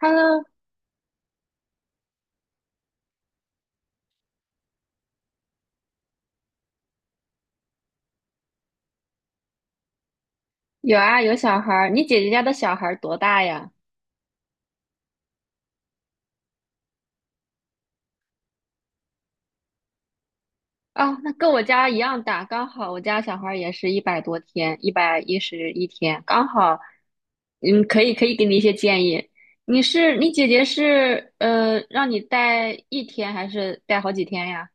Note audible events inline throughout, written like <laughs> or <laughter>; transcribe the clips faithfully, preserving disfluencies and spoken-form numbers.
Hello，有啊，有小孩儿。你姐姐家的小孩儿多大呀？哦，那跟我家一样大，刚好我家小孩儿也是一百多天，一百一十一天，刚好。嗯，可以。可以给你一些建议。你是你姐姐是呃，让你带一天还是带好几天呀？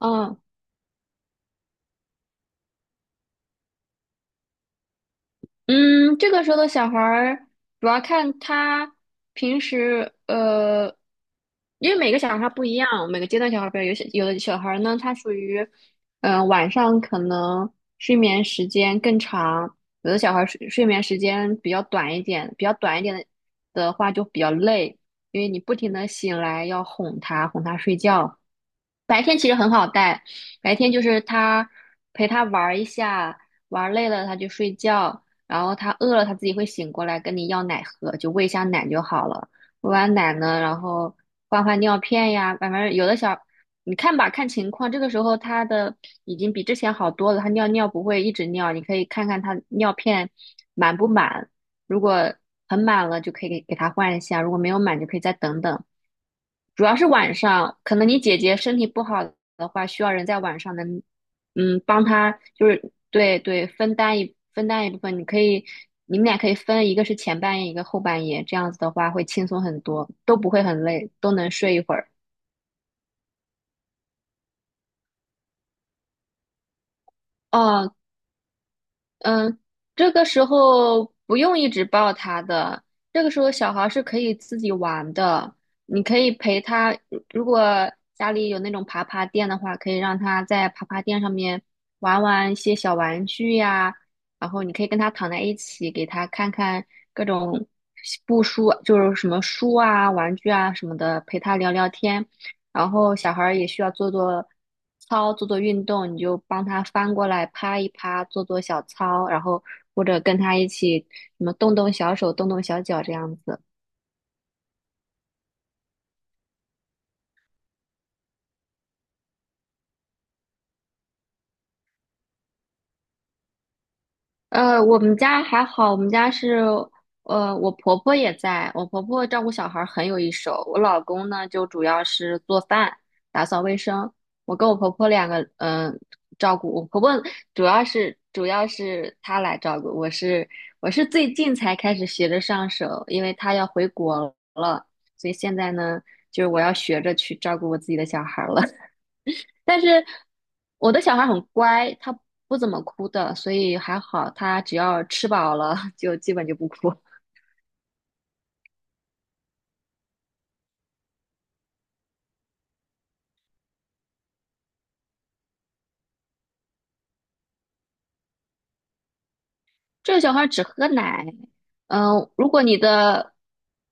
嗯。嗯，这个时候的小孩儿主要看他平时呃，因为每个小孩儿他不一样，每个阶段小孩儿不一样，有些有的小孩儿呢，他属于嗯、呃晚上可能睡眠时间更长，有的小孩儿睡睡眠时间比较短一点，比较短一点的的话就比较累，因为你不停的醒来要哄他哄他睡觉。白天其实很好带，白天就是他陪他玩儿一下，玩儿累了他就睡觉。然后它饿了，它自己会醒过来跟你要奶喝，就喂一下奶就好了。喂完奶呢，然后换换尿片呀，反正有的小，你看吧，看情况。这个时候它的已经比之前好多了，它尿尿不会一直尿，你可以看看它尿片满不满。如果很满了，就可以给给它换一下；如果没有满，就可以再等等。主要是晚上，可能你姐姐身体不好的话，需要人在晚上能，嗯，帮她，就是对对，分担一分担一部分，你可以，你们俩可以分，一个是前半夜，一个后半夜，这样子的话会轻松很多，都不会很累，都能睡一会儿。哦，嗯，这个时候不用一直抱他的，这个时候小孩是可以自己玩的，你可以陪他。如果家里有那种爬爬垫的话，可以让他在爬爬垫上面玩玩一些小玩具呀，然后你可以跟他躺在一起，给他看看各种布书，就是什么书啊、玩具啊什么的，陪他聊聊天。然后小孩儿也需要做做操、做做运动，你就帮他翻过来趴一趴，做做小操，然后或者跟他一起什么动动小手、动动小脚这样子。呃，我们家还好，我们家是，呃，我婆婆也在，我婆婆照顾小孩儿很有一手，我老公呢就主要是做饭、打扫卫生，我跟我婆婆两个，嗯、照顾我婆婆主要是主要是她来照顾，我是我是最近才开始学着上手，因为她要回国了，所以现在呢，就是我要学着去照顾我自己的小孩儿了。但是我的小孩很乖，他不怎么哭的，所以还好，他只要吃饱了就基本就不哭。这个小孩只喝奶。嗯、如果你的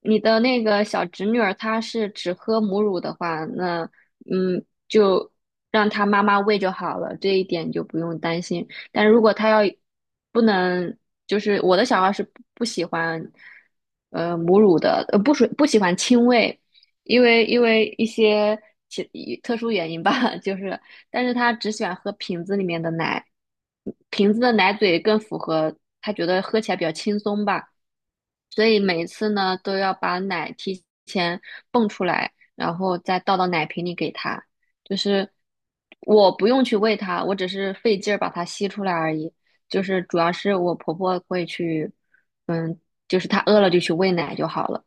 你的那个小侄女儿她是只喝母乳的话，那嗯，就让她妈妈喂就好了，这一点就不用担心。但如果她要不能，就是我的小孩是不不喜欢呃母乳的，呃不属不喜欢亲喂，因为因为一些其特殊原因吧，<laughs> 就是但是他只喜欢喝瓶子里面的奶，瓶子的奶嘴更符合他觉得喝起来比较轻松吧，所以每一次呢都要把奶提前泵出来，然后再倒到奶瓶里给他，就是我不用去喂它，我只是费劲儿把它吸出来而已，就是主要是我婆婆会去，嗯，就是她饿了就去喂奶就好了。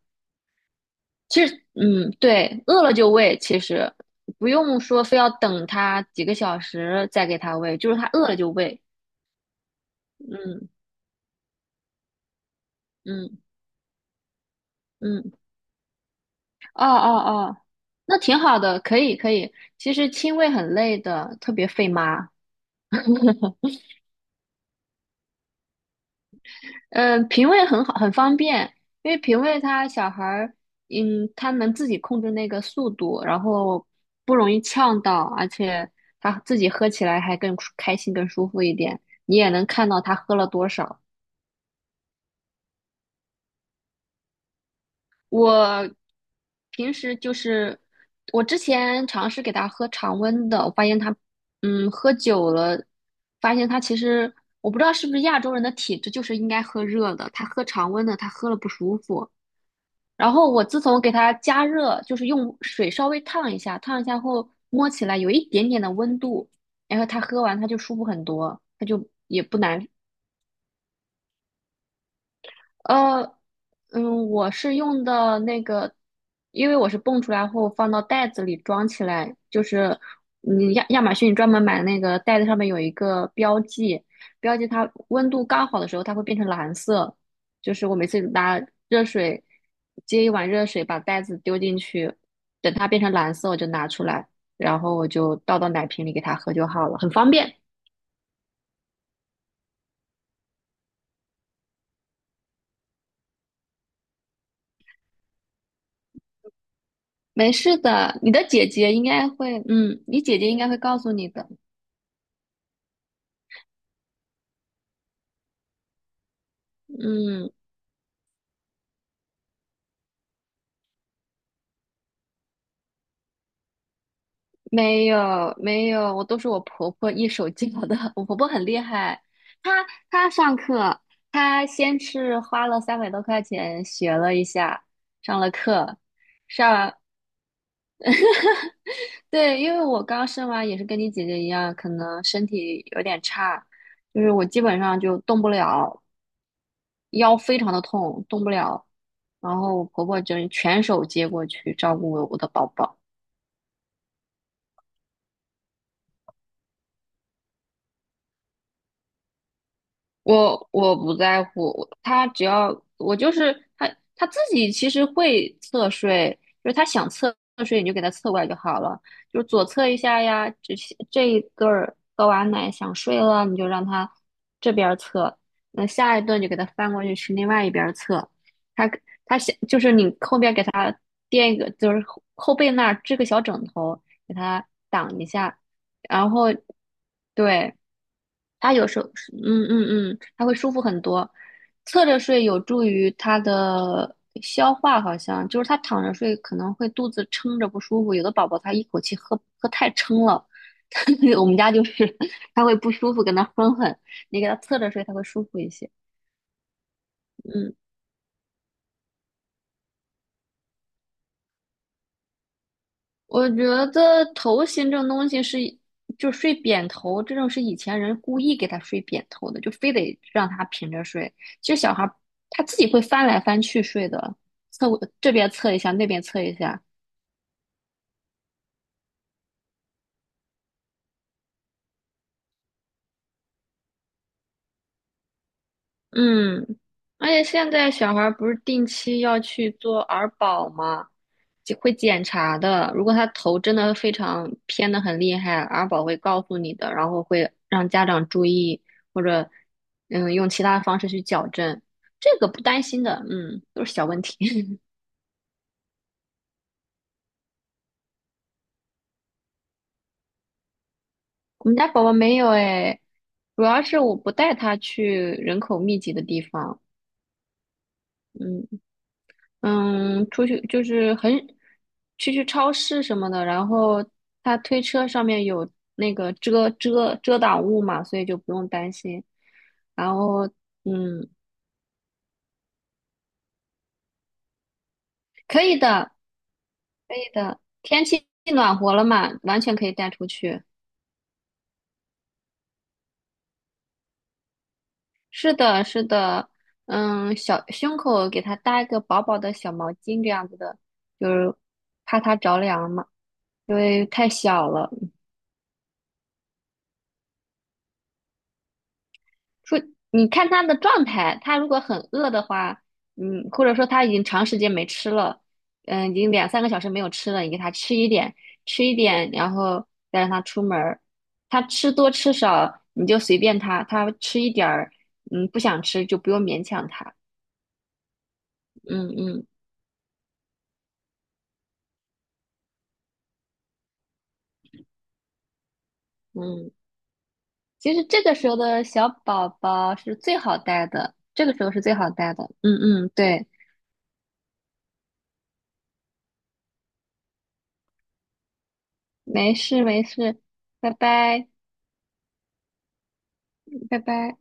其实，嗯，对，饿了就喂，其实不用说非要等他几个小时再给他喂，就是他饿了就喂。嗯嗯嗯，哦哦哦，那挺好的，可以可以。其实亲喂很累的，特别费妈。嗯、呃，平喂很好，很方便，因为平喂他小孩儿，嗯，他能自己控制那个速度，然后不容易呛到，而且他自己喝起来还更舒开心、更舒服一点。你也能看到他喝了多少。我平时就是我之前尝试给他喝常温的，我发现他，嗯，喝久了，发现他其实我不知道是不是亚洲人的体质就是应该喝热的，他喝常温的，他喝了不舒服。然后我自从给他加热，就是用水稍微烫一下，烫一下后摸起来有一点点的温度，然后他喝完他就舒服很多，他就也不难，呃，嗯，我是用的那个，因为我是蹦出来后放到袋子里装起来，就是嗯亚亚马逊专门买那个袋子上面有一个标记，标记它温度刚好的时候它会变成蓝色，就是我每次拿热水接一碗热水把袋子丢进去，等它变成蓝色我就拿出来，然后我就倒到奶瓶里给它喝就好了，很方便。没事的，你的姐姐应该会，嗯，你姐姐应该会告诉你的，嗯。没有没有，我都是我婆婆一手教的。<laughs> 我婆婆很厉害，她她上课，她先是花了三百多块钱学了一下，上了课，上，对，因为我刚生完也是跟你姐姐一样，可能身体有点差，就是我基本上就动不了，腰非常的痛，动不了。然后我婆婆就全手接过去照顾我的宝宝。我我不在乎，他只要我就是他他自己其实会侧睡，就是他想侧睡你就给他侧过来就好了，就是左侧一下呀，这些这一顿儿喝完奶想睡了，你就让他这边儿侧，那下一顿就给他翻过去去另外一边儿侧，他他想就是你后边给他垫一个，就是后后背那儿支个小枕头给他挡一下，然后。对，他有时候嗯嗯嗯，他会舒服很多。侧着睡有助于他的消化，好像就是他躺着睡可能会肚子撑着不舒服。有的宝宝他一口气喝喝太撑了，<laughs> 我们家就是 <laughs> 他会不舒服，跟他哼哼。你给他侧着睡，他会舒服一些。嗯。我觉得头型这种东西是，就睡扁头这种是以前人故意给他睡扁头的，就非得让他平着睡。其实小孩儿他自己会翻来翻去睡的，侧这边侧一下，那边侧一下，嗯，而且现在小孩儿不是定期要去做儿保吗？就会检查的。如果他头真的非常偏的很厉害，儿保会告诉你的，然后会让家长注意，或者嗯用其他方式去矫正。这个不担心的，嗯，都是小问题。<laughs> 我们家宝宝没有哎，主要是我不带他去人口密集的地方，嗯。嗯，出去就是很去去超市什么的，然后他推车上面有那个遮遮遮挡物嘛，所以就不用担心。然后嗯，可以的，可以的，天气暖和了嘛，完全可以带出去。是的，是的，嗯，小胸口给它搭一个薄薄的小毛巾这样子的，就是怕它着凉嘛，因为太小了。说你看他的状态，他如果很饿的话，嗯，或者说他已经长时间没吃了，嗯，已经两三个小时没有吃了，你给他吃一点，吃一点，然后再让他出门儿。他吃多吃少你就随便他，他吃一点儿，嗯，不想吃就不用勉强他。嗯嗯嗯，其实这个时候的小宝宝是最好带的，这个时候是最好带的。嗯嗯，对，没事没事，拜拜，拜拜。